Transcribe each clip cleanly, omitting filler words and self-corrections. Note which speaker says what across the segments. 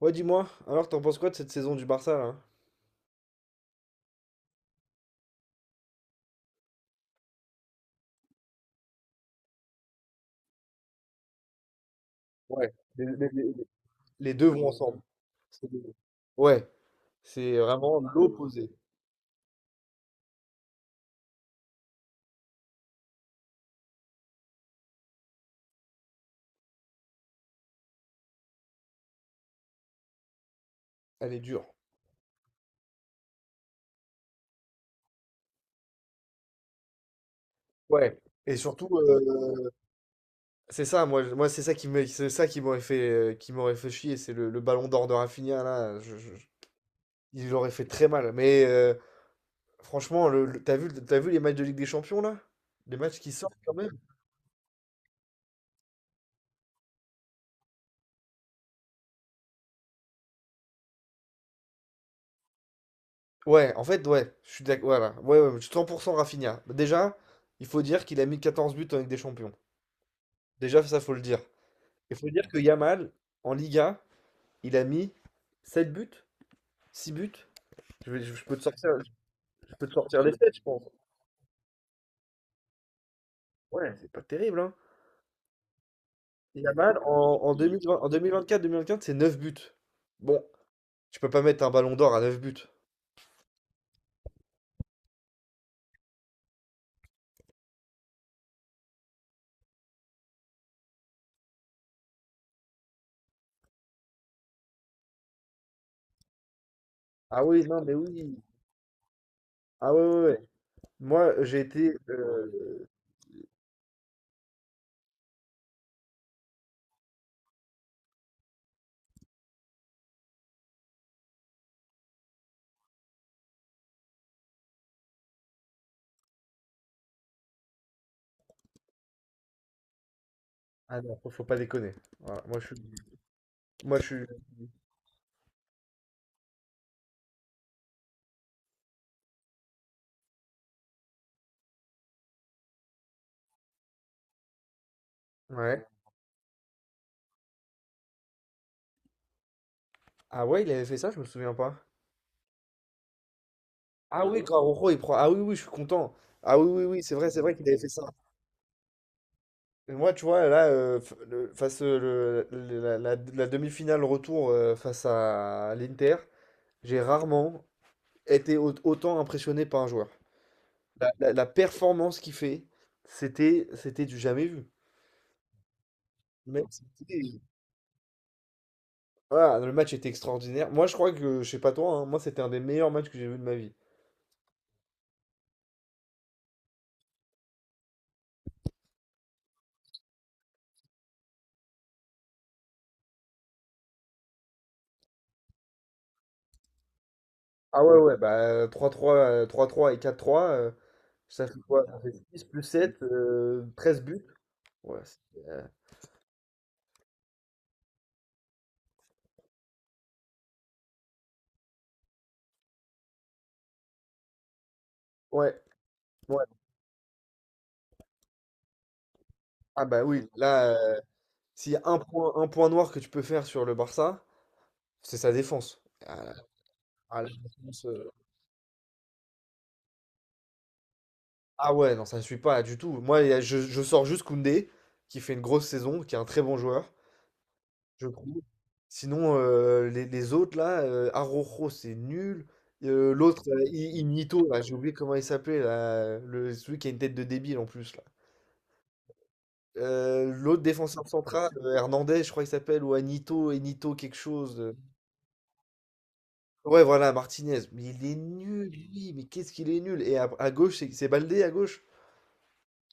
Speaker 1: Ouais, dis-moi, alors t'en penses quoi de cette saison du Barça là? Ouais, les deux vont ensemble. C'est des- Ouais, c'est vraiment l'opposé. Elle est dure. Ouais. Et surtout, c'est ça, moi c'est ça qui me, c'est ça qui m'aurait fait chier, c'est le ballon d'or de Rafinha là. Il aurait fait très mal. Mais franchement, t'as vu les matchs de Ligue des Champions là? Les matchs qui sortent quand même? Ouais, en fait, ouais, je suis d'accord. Voilà, ouais, ouais, je suis 100% Rafinha. Bah, déjà, il faut dire qu'il a mis 14 buts en Ligue des Champions. Déjà, ça, faut le dire. Il faut dire que Yamal, en Liga, il a mis 7 buts, 6 buts. Je, vais- je- peux te sortir, Je peux te sortir les 7, je pense. Ouais, c'est pas terrible, hein. Yamal, en 2020, en vingt 2025, c'est 9 buts. Bon, tu peux pas mettre un ballon d'or à 9 buts. Ah oui, non, mais oui. Ah ouais, ouais, ouais. Moi, j'ai été. Ah non, faut pas déconner. Voilà, moi, je suis. Moi, je suis. Ouais. Ah ouais, il avait fait ça, je me souviens pas. Ah oui, quand Araujo, il prend. Ah oui, oui, je suis content. Ah oui, oui, oui, c'est vrai qu'il avait fait ça. Et moi, tu vois, là, f- le- face le- la- la demi-finale retour face à l'Inter, j'ai rarement été autant impressionné par un joueur. La performance qu'il fait, c'était du jamais vu. Mais c'était- voilà, le match était extraordinaire. Moi, je crois que, je sais pas toi, hein, moi, c'était un des meilleurs matchs que j'ai vu de ma vie. Ah ouais, ouais, bah trois trois 3-3 et 4-3 , ça fait quoi? Ça fait 6 plus sept, 13 buts. Ouais, euh, ouais, ouais. Ah bah oui, là. S'il y a un point noir que tu peux faire sur le Barça, c'est sa défense. Ah, ah, la défense, ah ouais, non, ça ne suit pas du tout. Moi, il y a- je sors juste Koundé, qui fait une grosse saison, qui est un très bon joueur, je trouve. Sinon, les autres, là, Araujo, c'est nul. L'autre, Ignito, là, j'ai oublié comment il s'appelait, là, le, celui qui a une tête de débile en plus, là. L'autre défenseur central, Hernandez, je crois qu'il s'appelle, ou Anito, Enito, quelque chose. Ouais, voilà, Martinez. Mais il est nul, lui. Mais qu'est-ce qu'il est nul. Et à gauche, c'est Baldé à gauche.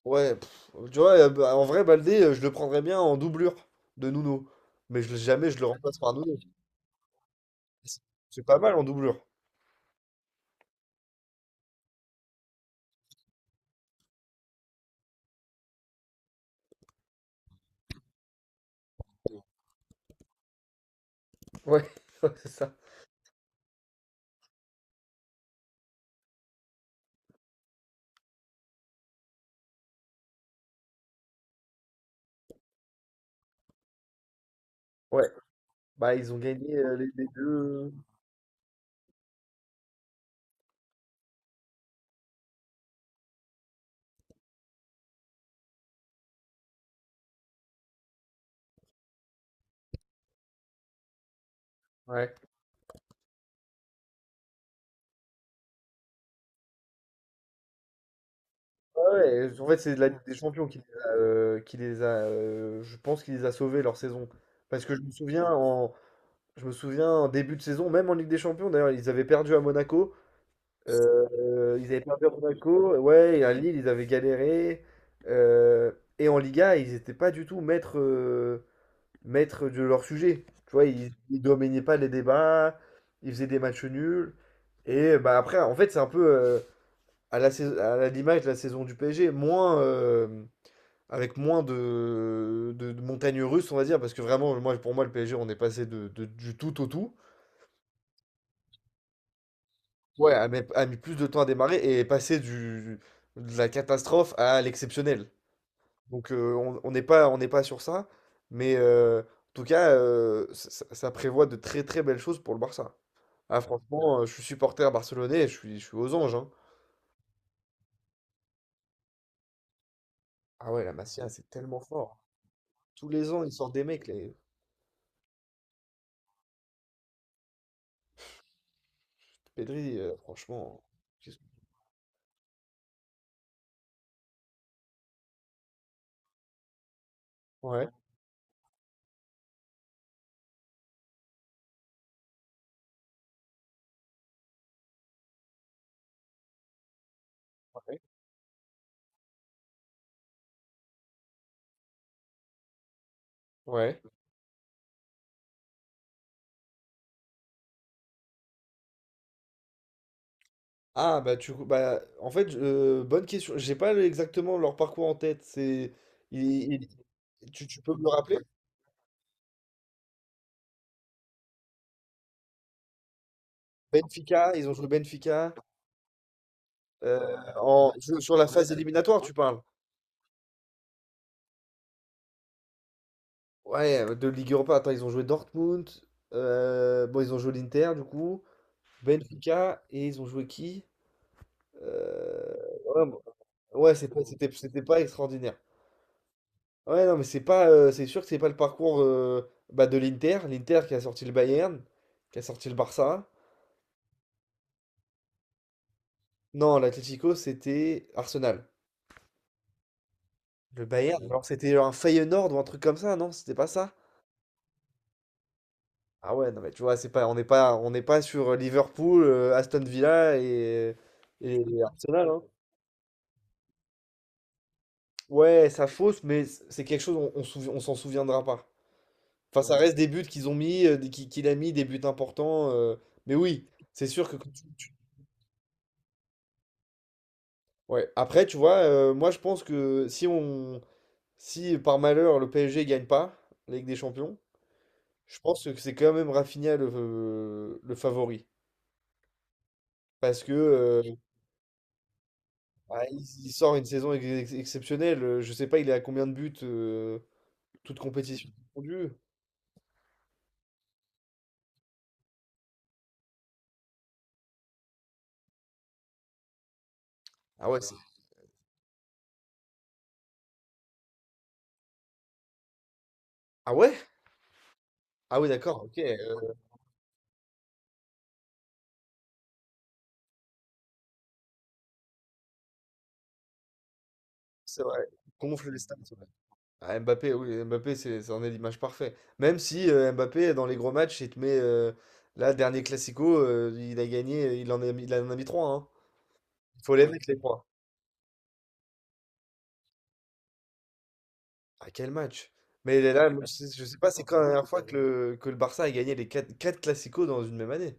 Speaker 1: Ouais, pff, tu vois, bah, en vrai, Baldé, je le prendrais bien en doublure de Nuno. Mais jamais je le remplace par Nuno. C'est c'est pas mal en doublure. Ouais, ouais, c'est ça. Ouais. Bah, ils ont gagné les deux. Ouais. Ouais, ouais, en fait, c'est de la Ligue des Champions qui les a, je pense qu'il les a sauvés leur saison. Parce que je me souviens en, je me souviens en début de saison, même en Ligue des Champions, d'ailleurs, ils avaient perdu à Monaco. Ils avaient perdu à Monaco, ouais, et à Lille, ils avaient galéré. Euh, et en Liga, ils n'étaient pas du tout maîtres de leur sujet. Tu vois, ils dominaient pas les débats, ils faisaient des matchs nuls. Et bah après, en fait, c'est un peu à l'image de la saison du PSG, moins, avec moins de montagnes russes, on va dire, parce que vraiment, moi, pour moi, le PSG, on est passé du tout au tout. Ouais, a mis plus de temps à démarrer et est passé de la catastrophe à l'exceptionnel. Donc on n'est pas, on n'est pas sur ça, mais en tout cas, ça prévoit de très très belles choses pour le Barça. Ah franchement, je suis supporter barcelonais, et je suis aux anges, hein. Ah ouais, la Masia, c'est tellement fort. Tous les ans, ils sortent des mecs, les Pedri, franchement. qu'est-ce que- Ouais, ouais. Ah bah tu bah en fait, bonne question. J'ai pas exactement leur parcours en tête. C'est il- tu peux me le rappeler? Ils ont joué Benfica, en sur la phase éliminatoire, tu parles. Ouais, de Ligue Europa. Attends, ils ont joué Dortmund. Bon, ils ont joué l'Inter du coup. Benfica et ils ont joué qui? Euh, ouais, bon, ouais, c'était pas extraordinaire. Ouais, non, mais c'est sûr que c'est pas le parcours, bah, de l'Inter, l'Inter qui a sorti le Bayern, qui a sorti le Barça. Non, l'Atlético, c'était Arsenal. Le Bayern, ok, alors c'était un Feyenoord ou un truc comme ça, non? C'était pas ça? Ah ouais, non mais tu vois, c'est pas, on n'est pas, on n'est pas sur Liverpool, Aston Villa et Arsenal, hein. Ouais, ça fausse, mais c'est quelque chose, on s'en souviendra pas. Enfin, ça, ouais, reste des buts qu'ils ont mis, qu'il a mis, des buts importants. Mais oui, c'est sûr que quand ouais. Après, tu vois, moi je pense que si on, si par malheur le PSG gagne pas la Ligue des Champions, je pense que c'est quand même Rafinha le favori. Parce que bah, il sort une saison exceptionnelle. Je sais pas, il est à combien de buts, toute compétition confondue. Ah ouais, c'est- Ah ouais? Ah oui, d'accord, ok. C'est vrai. Gonfle les stats. Ouais. Ah, Mbappé, oui, Mbappé, c'en est l'image parfaite. Même si Mbappé, dans les gros matchs, il te met. Là, dernier Classico, il a gagné, il en a mis 3. Il faut les mettre, les trois. À quel match? Mais là, moi, je sais pas, c'est quand la dernière fois que le Barça a gagné les 4, quatre Clasico dans une même année.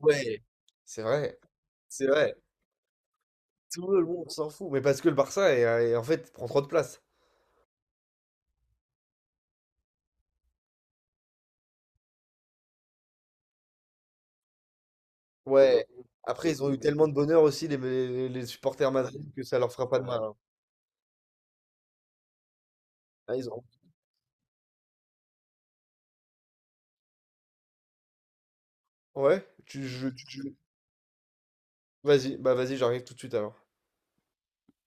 Speaker 1: Ouais, c'est vrai, c'est vrai. Tout le monde s'en fout. Mais parce que le Barça, en fait, prend trop de place. Ouais. Après, ils ont eu tellement de bonheur aussi, les supporters Madrid, que ça leur fera pas de mal, hein. Ah, ils ont... Ouais. tu, je- tu- tu- Vas-y, bah vas-y, j'arrive tout de suite alors.